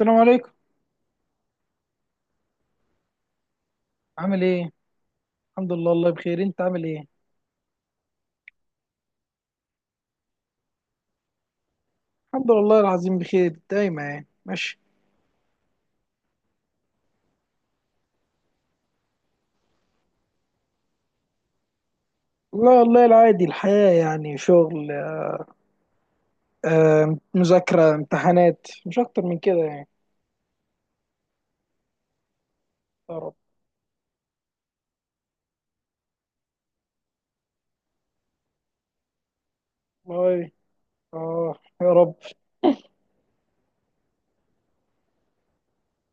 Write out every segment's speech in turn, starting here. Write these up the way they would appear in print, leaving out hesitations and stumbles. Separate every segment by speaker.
Speaker 1: السلام عليكم. عامل ايه؟ الحمد لله الله بخير، انت عامل ايه؟ الحمد لله العظيم بخير دايما، يعني ماشي. لا والله العادي، الحياة يعني شغل. آه، مذاكرة امتحانات، مش اكتر من كده يعني. يا رب. واي. اه. يا رب.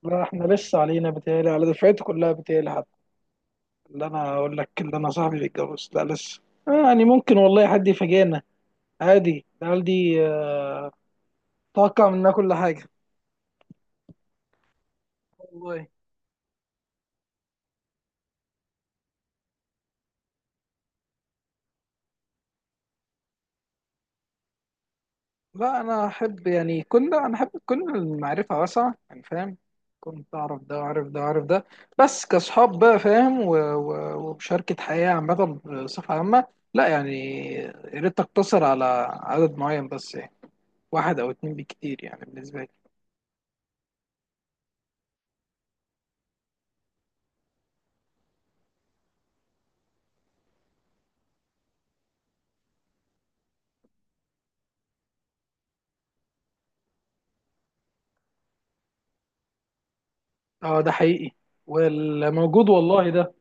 Speaker 1: لا احنا لسه علينا، بتهيألي على دفعتي كلها بتهيألي حتى. اللي انا اقول لك، اللي انا صاحبي بيتجوز، لا لسه. آه يعني ممكن والله حد يفاجئنا، عادي، العيال دي آه، توقع منها كل حاجة. والله لا، انا احب يعني كل، انا احب تكون المعرفه واسعه يعني، فاهم؟ كنت اعرف ده واعرف ده واعرف ده. بس كاصحاب بقى، فاهم، ومشاركه حياه عامه، بصفه عامه. لا يعني، يا ريت تقتصر على عدد معين بس يعني، واحد او اتنين بالكتير يعني بالنسبه لي. اه ده حقيقي. واللي موجود والله ده،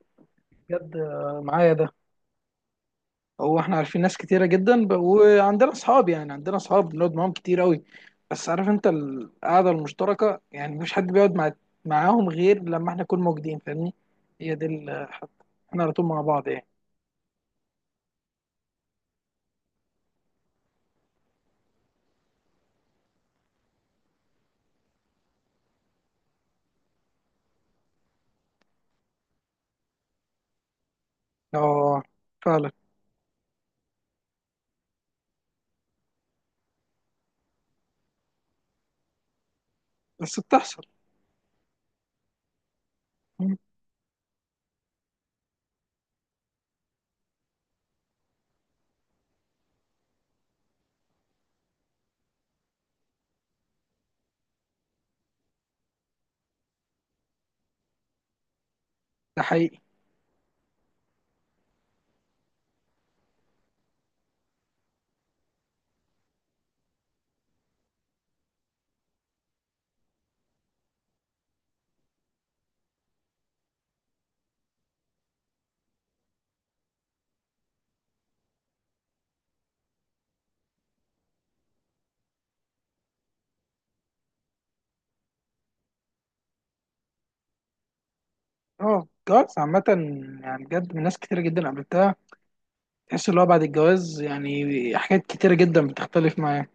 Speaker 1: بجد آه، معايا ده. هو احنا عارفين ناس كتيرة جدا وعندنا اصحاب، يعني عندنا اصحاب بنقعد معاهم كتير قوي، بس عارف انت القعدة المشتركة، يعني مفيش حد بيقعد معاهم غير لما احنا نكون موجودين، فاهمني؟ هي دي احنا على طول مع بعض يعني. اه فعلا، بس بتحصل. مم. ده حقيقي. اه الجواز عامة، يعني بجد من ناس كتيرة جدا قابلتها، تحس اللي هو بعد الجواز يعني حاجات كتيرة جدا بتختلف معاه.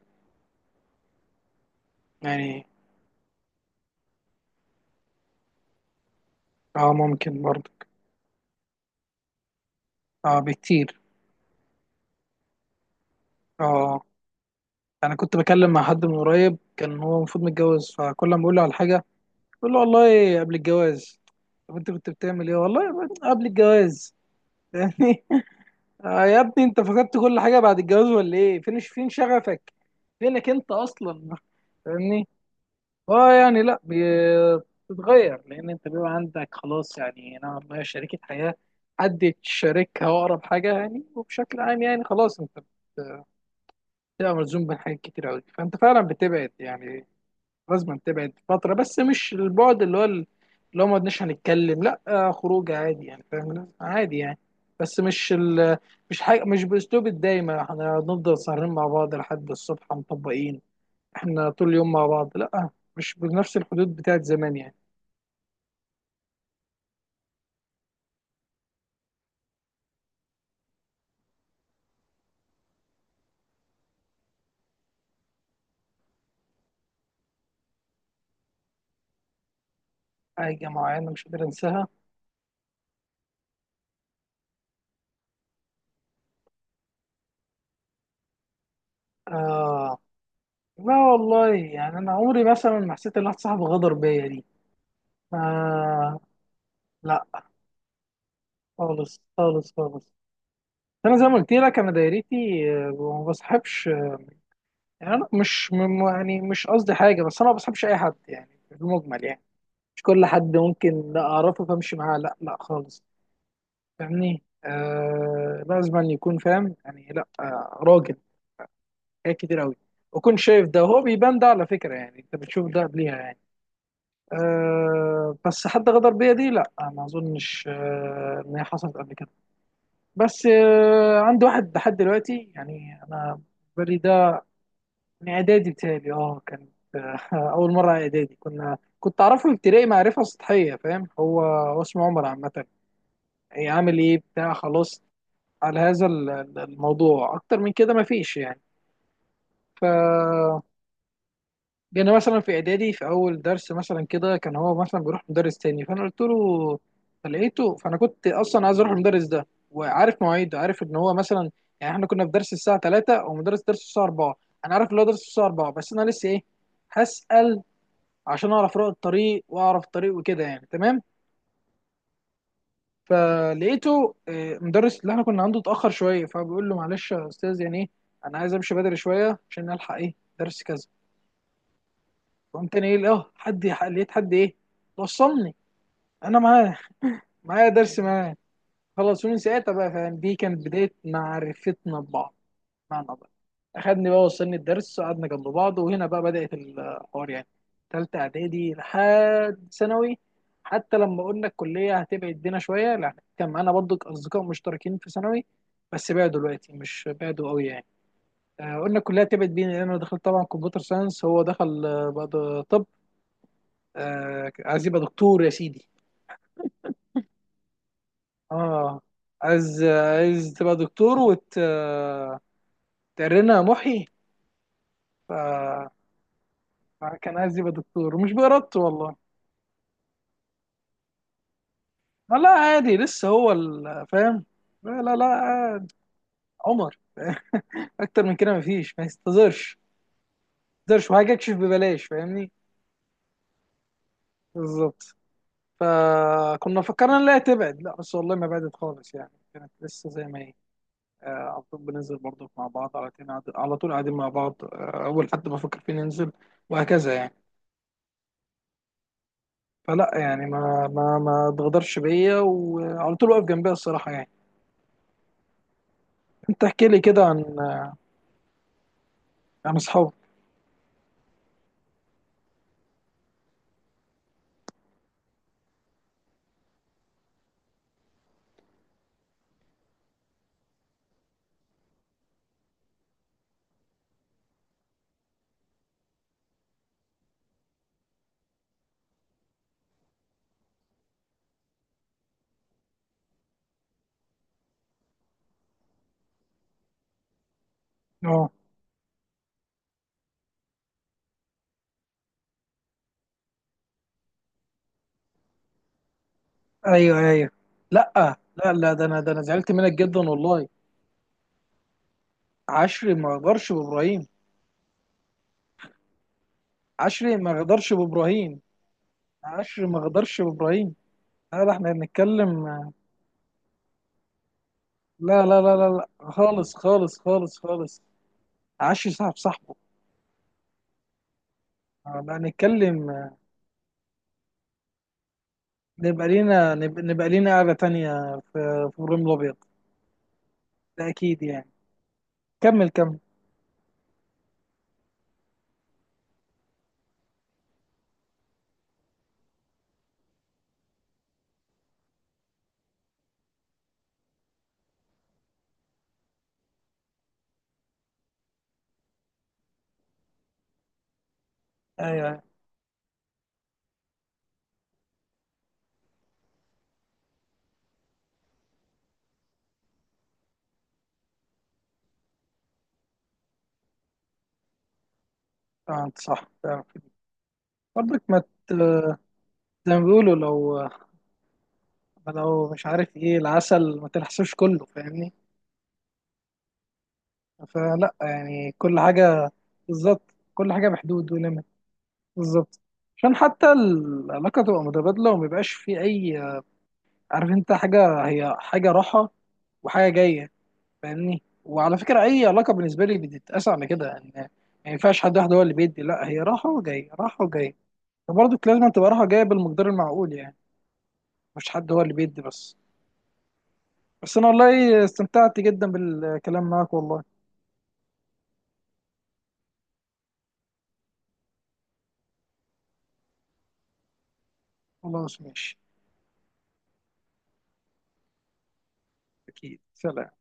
Speaker 1: يعني اه ممكن برضه. اه بكتير. اه. انا كنت بكلم مع حد من قريب، كان هو المفروض متجوز، فكل ما بقول له على حاجه بقول له: والله قبل الجواز، طب انت كنت بتعمل ايه والله قبل الجواز؟ يعني آه يا ابني، انت فقدت كل حاجه بعد الجواز ولا ايه؟ فين فين شغفك؟ فينك انت اصلا؟ فاهمني؟ اه يعني، لا بي- بتتغير، لان انت بيبقى عندك خلاص يعني نوعا ما شريكه حياه، حد تشاركها واقرب حاجه يعني، وبشكل عام يعني خلاص انت بتبقى ملزوم بحاجات كتير قوي، فانت فعلا بتبعد، يعني لازم تبعد فترة. بس مش البعد اللي هو اللي هو ما قعدناش هنتكلم، لا آه، خروج عادي يعني، فاهم؟ عادي يعني. بس مش مش حاجة، مش بأسلوب الدايمة احنا هنفضل سهرين مع بعض لحد الصبح مطبقين، احنا طول اليوم مع بعض، لا. مش بنفس الحدود بتاعت زمان يعني. حاجة معينة مش قادر انساها؟ آه لا والله، يعني انا عمري مثلا ما حسيت ان واحد صاحبي غدر بيا دي، آه. لا خالص خالص خالص. انا زي ما قلت لك، انا دايرتي آه، ما بصاحبش يعني. انا مش م- يعني مش قصدي حاجه، بس انا ما بصاحبش اي حد يعني في المجمل يعني، مش كل حد ممكن لا اعرفه فامشي معاه، لا لا خالص. فاهمني؟ آه، لازم أن يكون فاهم يعني، لا آه راجل، حاجات كتير قوي. وكون شايف ده، وهو بيبان ده على فكره، يعني انت بتشوف ده قبليها يعني. آه بس حد غدر بيا دي، لا آه، ما اظنش آه ان هي حصلت قبل كده. بس آه عندي واحد لحد دلوقتي يعني، انا بالي ده من اعدادي بتهيألي اه كانت، آه، اول مره اعدادي كنا، كنت اعرفه ابتدائي معرفه سطحيه، فاهم؟ هو اسمه عمر، عامه هي عامل ايه بتاع، خلاص، على هذا الموضوع، اكتر من كده مفيش يعني. ف جينا مثلا في اعدادي في اول درس مثلا كده، كان هو مثلا بيروح مدرس تاني، فانا قلت له، فلقيته، فانا كنت اصلا عايز اروح المدرس ده، وعارف مواعيده، عارف ان هو مثلا يعني، احنا كنا في درس الساعه 3 ومدرس درس الساعه 4، انا عارف ان هو درس الساعه 4، بس انا لسه ايه، هسأل عشان اعرف رؤى الطريق، واعرف الطريق وكده يعني، تمام. فلقيته آه، مدرس اللي احنا كنا عنده اتاخر شويه، فبيقول له: معلش يا استاذ، يعني ايه، انا عايز امشي بدري شويه عشان الحق ايه درس كذا. قمت تاني ايه، اه حد لقيت حد ايه وصلني، انا معاه، معايا درس معاه، خلصوني ساعتها بقى، فاهم؟ دي كانت بدايه معرفتنا ببعض، معنى الله، اخدني بقى وصلني الدرس، قعدنا جنب بعض، وهنا بقى بدأت الحوار يعني، تالتة اعدادي لحد ثانوي. حتى لما قلنا الكلية هتبعد بينا شوية، لا كان معانا برضو اصدقاء مشتركين في ثانوي، بس بعدوا دلوقتي، مش بعدوا قوي يعني. آه، قلنا الكلية هتبعد بينا لأن انا دخلت طبعا كمبيوتر ساينس، هو دخل آه، بقى طب، آه، عايز يبقى دكتور يا سيدي. اه، عايز، عايز تبقى دكتور وت آه، تقرنا يا محي. ف كان عايز يبقى دكتور، ومش بإرادته والله. آه لا عادي، لسه هو فاهم. لا عادي. عمر، اكتر من كده مفيش، ما يستظهرش. ما يستظهرش وهاجي اكشف ببلاش، فاهمني؟ بالظبط. فكنا فكرنا ان لا تبعد، لا بس والله ما بعدت خالص يعني، كانت لسه زي ما هي. آه، على طول بننزل برضه مع بعض، على طول على طول قاعدين مع بعض، آه، اول حد بفكر فيه ننزل، وهكذا يعني. فلا يعني، ما اتغدرش بيا، وعلى طول واقف جنبي الصراحه يعني. انت احكي لي كده عن، عن اصحابك. اه. ايوه ايوه. لا لا لا، ده انا، ده انا زعلت منك جدا والله. عشري ما غدرش بابراهيم. عشري ما غدرش بابراهيم. عشري ما غدرش بابراهيم. لا لا، احنا بنتكلم. لا خالص خالص خالص خالص. عشري صاحب صاحبه. لا نتكلم، نبقى لينا، نبقى لينا قعدة تانية في، في ابراهيم الابيض. ده اكيد يعني، كمل كمل. ايوه ايوه. آه، انت صح فعلا. برضك ما ت- زي ما بيقولوا، لو، لو مش عارف ايه العسل ما تلحسوش كله، فاهمني؟ فلا يعني كل حاجة. بالظبط. كل حاجة بحدود وليميت. بالظبط. عشان حتى العلاقة تبقى متبادلة، وما يبقاش في أي، عارف أنت حاجة، هي حاجة راحة وحاجة جاية، فاهمني؟ وعلى فكرة أي علاقة بالنسبة لي بتتقاس على كده يعني. ما ينفعش حد واحد هو اللي بيدي، لا هي راحة وجاية، راحة وجاية، فبرضه لازم تبقى راحة جاية بالمقدار المعقول يعني، مش حد هو اللي بيدي بس. بس أنا والله استمتعت جدا بالكلام معاك والله. خلاص ماشي. أكيد، سلام.